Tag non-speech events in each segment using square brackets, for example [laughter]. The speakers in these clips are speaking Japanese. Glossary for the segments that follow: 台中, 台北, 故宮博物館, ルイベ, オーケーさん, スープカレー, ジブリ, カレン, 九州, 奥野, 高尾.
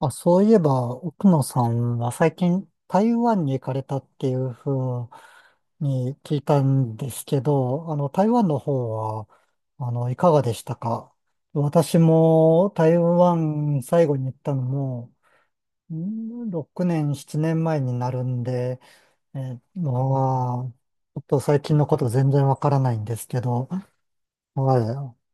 あ、そういえば、奥野さんは最近台湾に行かれたっていうふうに聞いたんですけど、台湾の方は、いかがでしたか。私も台湾最後に行ったのも、6年、7年前になるんで、まあ、ちょっと最近のこと全然わからないんですけど。はい、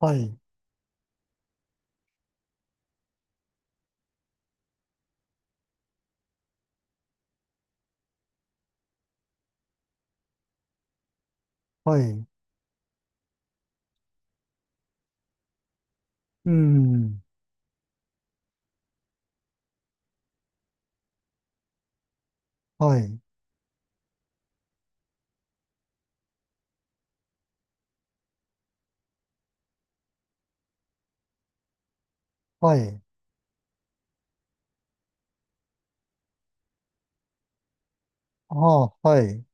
はい、はい、うん、はい、はい、ああ、はい、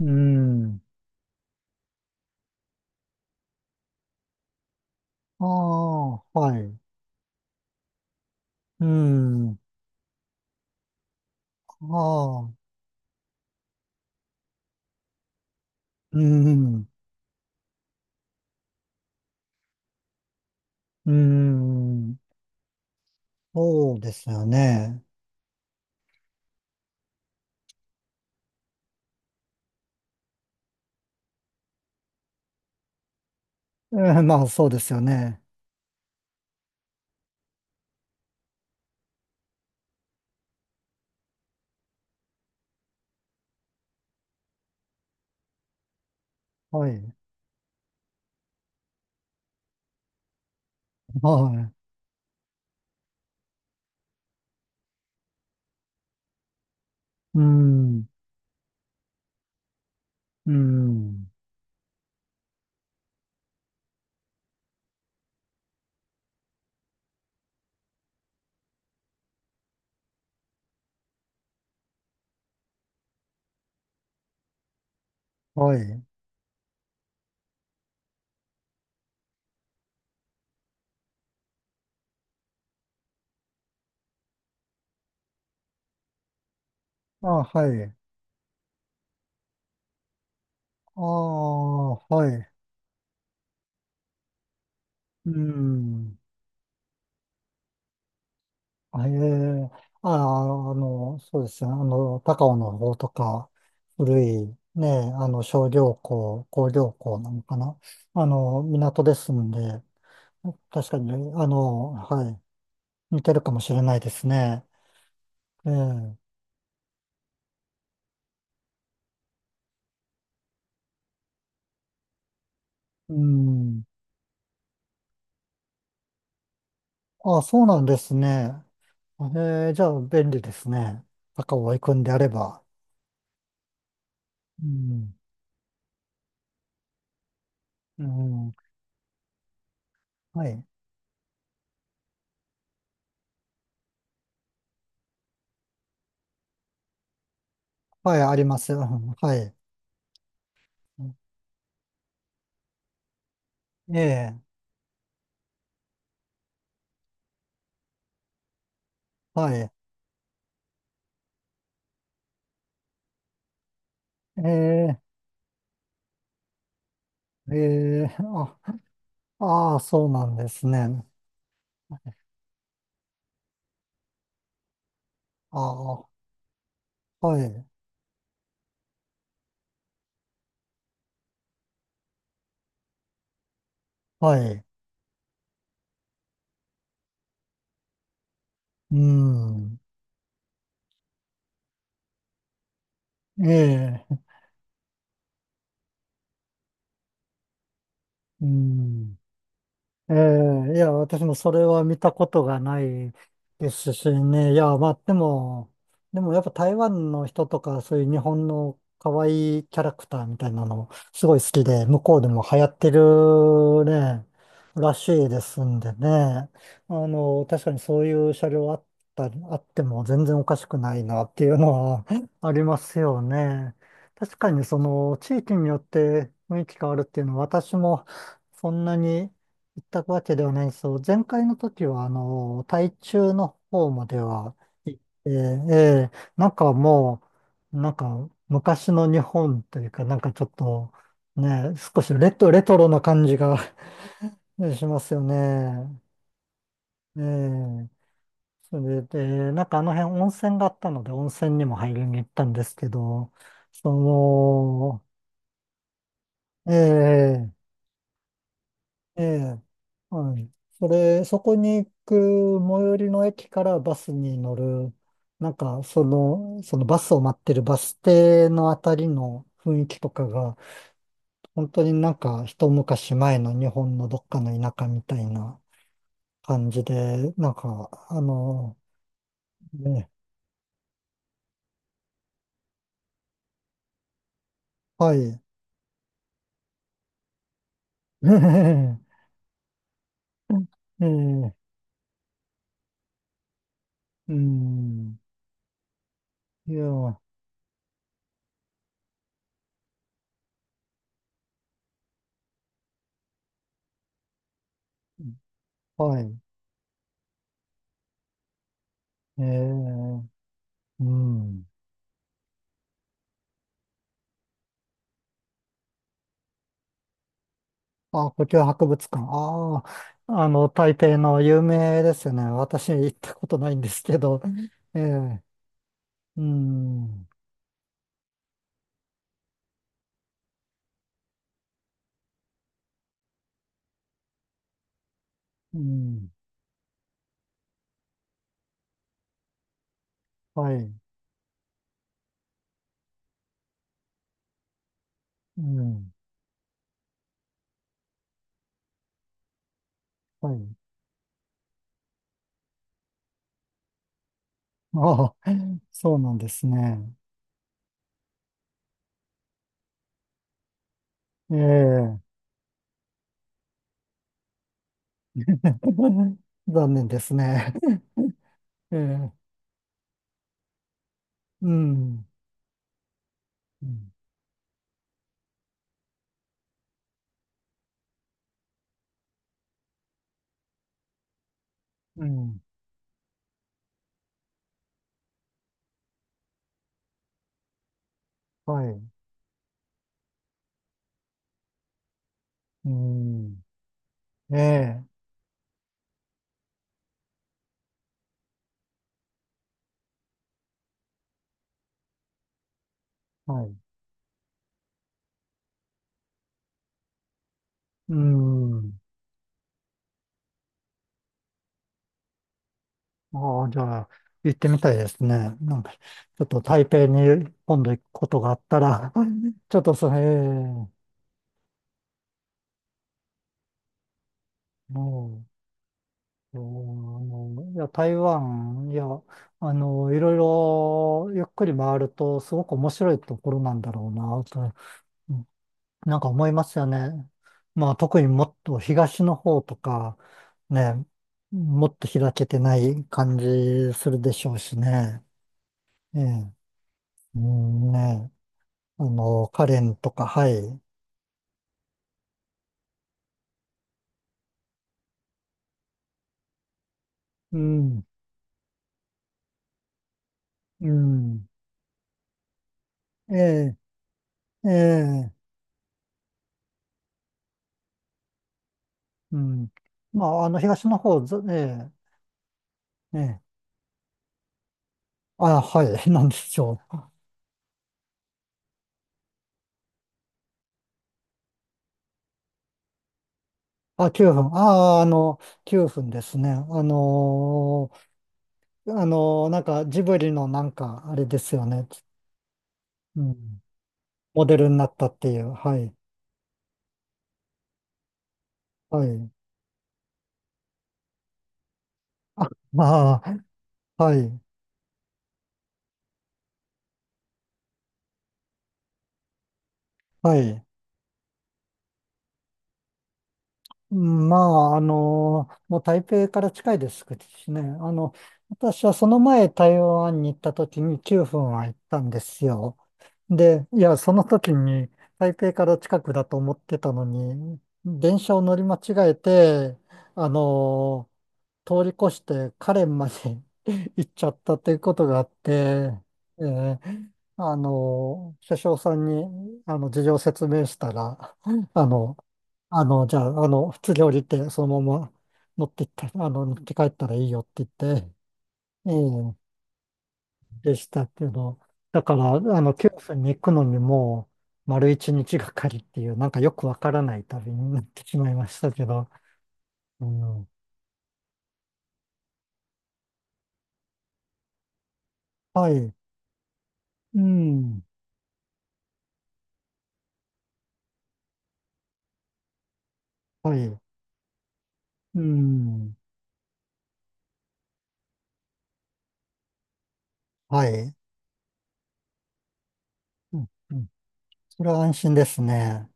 うん。ああ、はい。うん。ああ、うん。うん。そうですよね。まあ、そうですよね。はい。はい。うん。うん。はい。あ、はい。ああ、はい。うん。あ、ええ、ああ、の、そうですね。高尾の方とか、古い、ね、商業港、工業港なのかな。港ですんで、確かにね、はい。似てるかもしれないですね。ええ。うん。あ、そうなんですね。ええ、じゃあ便利ですね。高尾行くんであれば。うん。うん。はい。はい、あります。うん、はい。ええ、はい。ええ、ええ、あ、ああ、そうなんですね。ああ、はい。はい。うん。ええ、うん。ええ、いや、私もそれは見たことがないですしね。いや、まあ、でも、でもやっぱ台湾の人とか、そういう日本の可愛いキャラクターみたいなの、すごい好きで、向こうでも流行ってるね、らしいですんでね。確かにそういう車両あったり、あっても全然おかしくないなっていうのは [laughs] ありますよね。確かにその地域によって雰囲気変わるっていうのは、私もそんなに行ったわけではないんですよ。前回の時は、台中の方までは行って、ええ、なんかもう、なんか昔の日本というか、なんかちょっと、ね、少しレトロな感じが [laughs] しますよね。ええ、それで、なんかあの辺温泉があったので、温泉にも入りに行ったんですけど、その、ええ、ええ、はい。そこに行く最寄りの駅からバスに乗る、なんか、そのバスを待ってるバス停のあたりの雰囲気とかが、本当になんか一昔前の日本のどっかの田舎みたいな感じで、なんか、ね、はい。[laughs] ええ、うん、いや、はい。ええ、うん。あ、故宮博物館。ああ、台北の有名ですよね。私行ったことないんですけど。ええ、うん、うん、はい、うん、はい。ああ、そうなんですね。ええ、[laughs] 残念ですね。[laughs] ええ、うん、うん、うん、はい、うん、ええ、はい、うん。ああ、じゃあ、行ってみたいですね。なんか、ちょっと台北に今度行くことがあったら、[laughs] ちょっとそれ、ええ、もう、うん、いや、台湾、いや、いろいろゆっくり回ると、すごく面白いところなんだろうな、と、うん、なんか思いますよね。まあ、特にもっと東の方とか、ね、もっと開けてない感じするでしょうしね。ええ、うん、ね。カレンとか、はい。うん、うん、ええ、ええ、うん。まあ、東の方、ず、ええ、ええ、あ、はい、[laughs] なんでしょう。あ、9分。ああ、あの、9分ですね。なんか、ジブリのなんか、あれですよね。うん、モデルになったっていう、はい、はい。あ、まあ、はい、はい。まあ、もう台北から近いですしね。私はその前台湾に行った時に9分は行ったんですよ。で、いや、その時に台北から近くだと思ってたのに、電車を乗り間違えて、あの、通り越してカレンまで [laughs] 行っちゃったということがあって、えー、車掌さんに、事情を説明したら、あの、じゃあ、普通に降りて、そのまま持って行って、持って帰ったらいいよって言って、ええ、でしたけど、だから、九州に行くのにもう、丸一日がかりっていう、なんかよくわからない旅になってしまいましたけど、うん、はい、うん、はい。うん。はい。うん。うん、それは安心ですね。